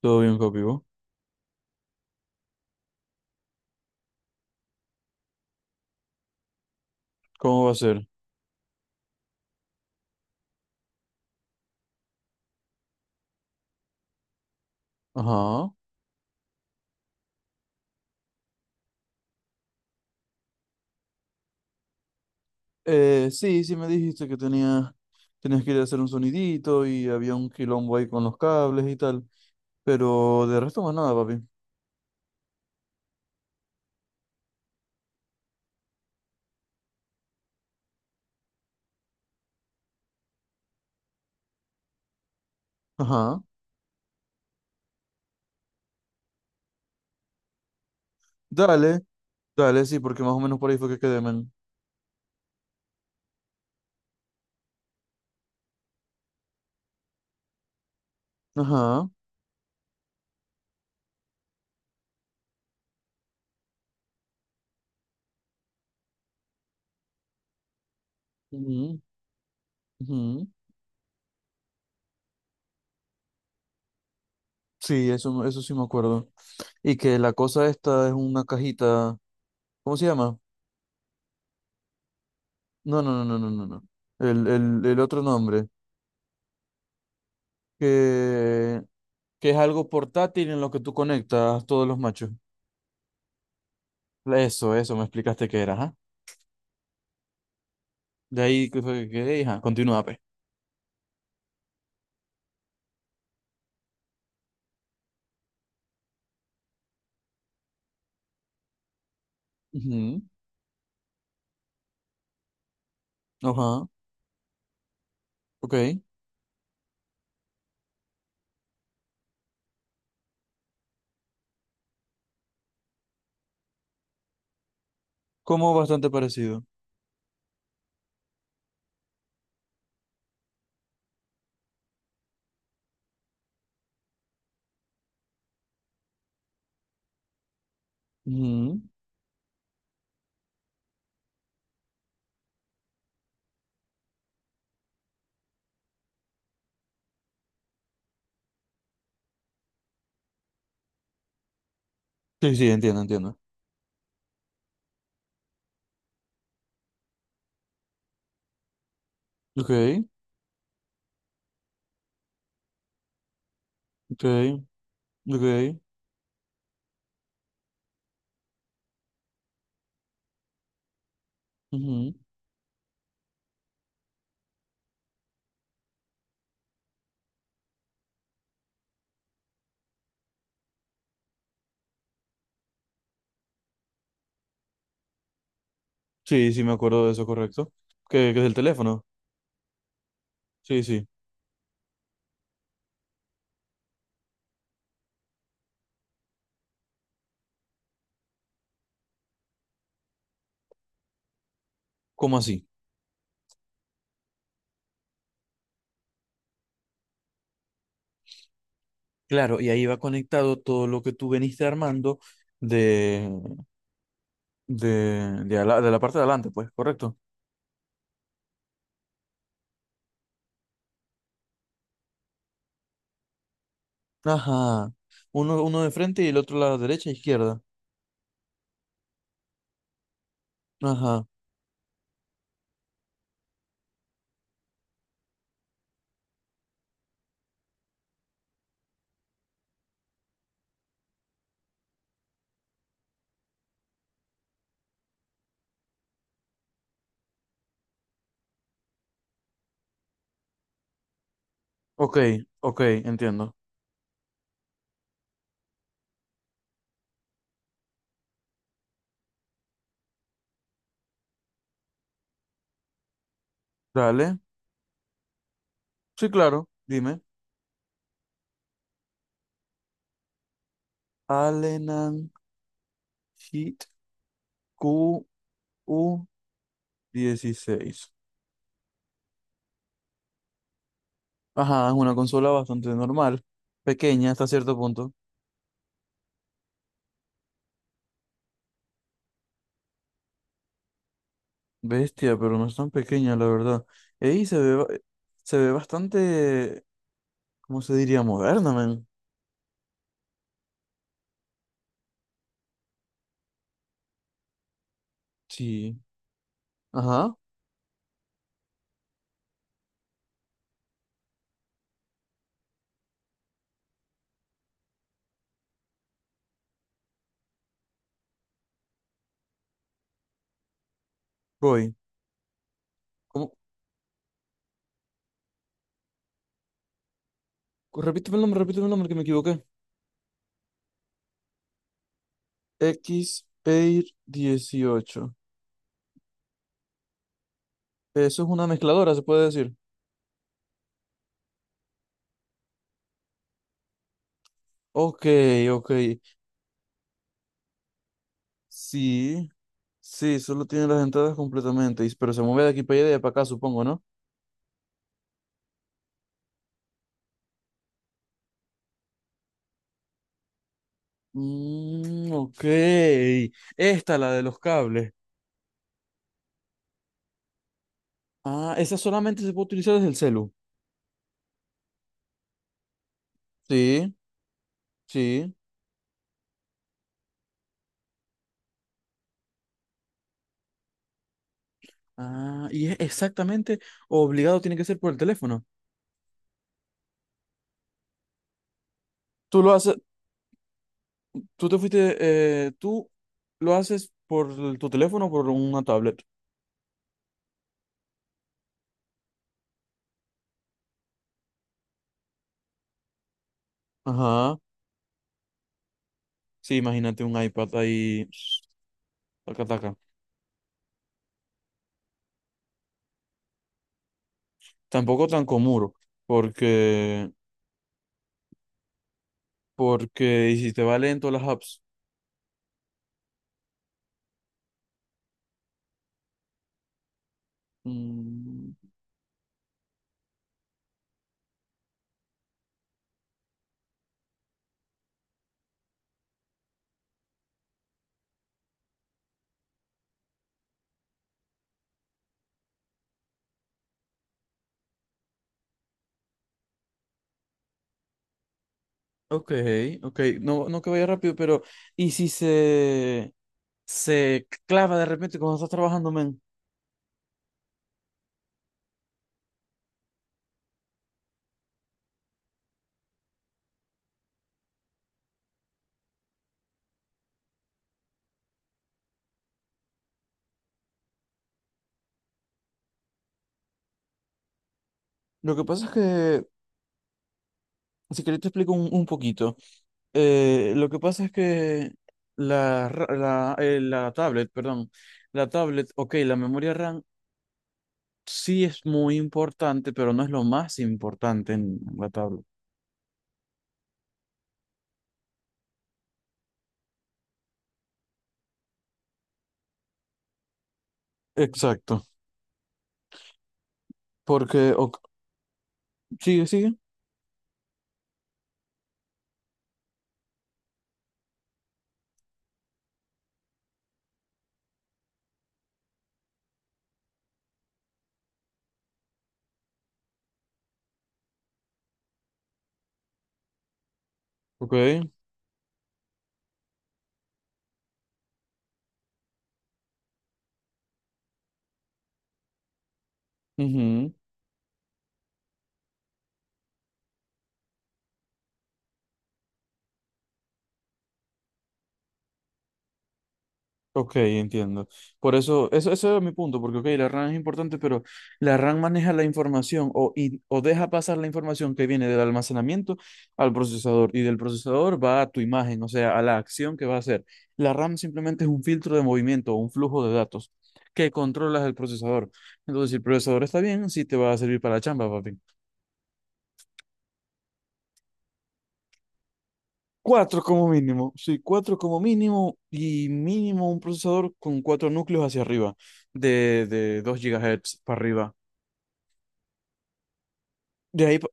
Todo bien, papi. ¿Vos? ¿Cómo va a ser? Ajá. Sí, sí me dijiste que tenías que ir a hacer un sonidito y había un quilombo ahí con los cables y tal. Pero de resto más nada, papi. Ajá. Dale, dale, sí, porque más o menos por ahí fue que quedé, men. Ajá. Ujú, ujú. Sí, eso sí me acuerdo. Y que la cosa esta es una cajita. ¿Cómo se llama? No, no, no, no, no, no, no. El otro nombre. Que, que es algo portátil en lo que tú conectas todos los machos. Eso, me explicaste qué era, ajá. De ahí, ¿qué fue que quedé? Ajá, continúa, pe. Ujú. Ajá, ok. Como bastante parecido. Ujú. Sí, sí, entiendo, entiendo. Ok, ok, ok. Ujú. Sí, sí, me acuerdo de eso, correcto. ¿Qué es el teléfono? Sí, sí. ¿Cómo así? Claro, y ahí va conectado todo lo que tú veniste armando de, de, de la parte de adelante, pues, correcto. Ajá. Uno de frente y el otro a la derecha e izquierda. Ajá. Ok, ok, entiendo. Dale. Sí, claro, dime. Alenan Hit QU16. Ajá, es una consola bastante normal, pequeña hasta cierto punto. Bestia, pero no es tan pequeña, la verdad. Y se ve bastante, ¿cómo se diría? Moderna, man. Sí. Ajá, voy. ¿Cómo? Repíteme el nombre que me equivoqué. XPEIR 18. Eso es una mezcladora, se puede decir. Ok, ok. Sí, sí, solo tiene las entradas completamente, pero se mueve de aquí para allá y de para acá, supongo, ¿no? Mm, ok. Esta, la de los cables. Ah, esa solamente se puede utilizar desde el celu. Sí, sí. Ah, y es exactamente obligado, tiene que ser por el teléfono. Tú lo haces, tú te fuiste, tú lo haces por tu teléfono o por una tablet. Ajá. Sí, imagínate un iPad ahí, taca, taca. Tampoco tan común, porque Porque hiciste va lento las apps. Mm, ok, ok. No, no que vaya rápido, pero. ¿Y si se clava de repente cuando estás trabajando, men? Lo que pasa es que. Si querés te explico un poquito. Lo que pasa es que la tablet, perdón. La tablet, ok, la memoria RAM sí es muy importante, pero no es lo más importante en la tablet. Exacto. Porque. Ok, sigue, sigue. Ok. Ujú. Ok, entiendo. Por eso, eso, eso era mi punto, porque ok, la RAM es importante, pero la RAM maneja la información o deja pasar la información que viene del almacenamiento al procesador y del procesador va a tu imagen, o sea, a la acción que va a hacer. La RAM simplemente es un filtro de movimiento o un flujo de datos que controlas el procesador. Entonces, si el procesador está bien, sí te va a servir para la chamba, papi. Cuatro como mínimo, sí, cuatro como mínimo y mínimo un procesador con cuatro núcleos hacia arriba, de, 2 gigahertz para arriba. De ahí,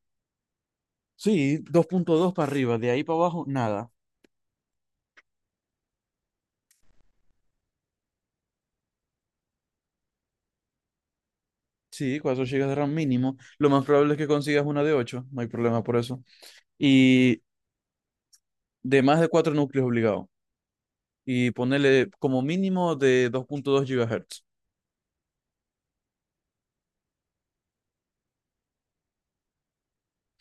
sí, 2.2 para arriba, de ahí para abajo, nada. Sí, 4 gigas de RAM mínimo. Lo más probable es que consigas una de ocho, no hay problema por eso. Y de más de cuatro núcleos obligado. Y ponerle como mínimo de 2.2 GHz.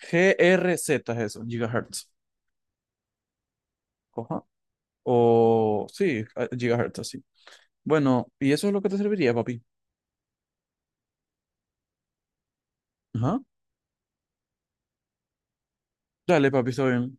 GRZ es eso, gigahertz. Ajá. O sí, gigahertz así. Bueno, y eso es lo que te serviría, papi. Ajá. Dale, papi, está bien.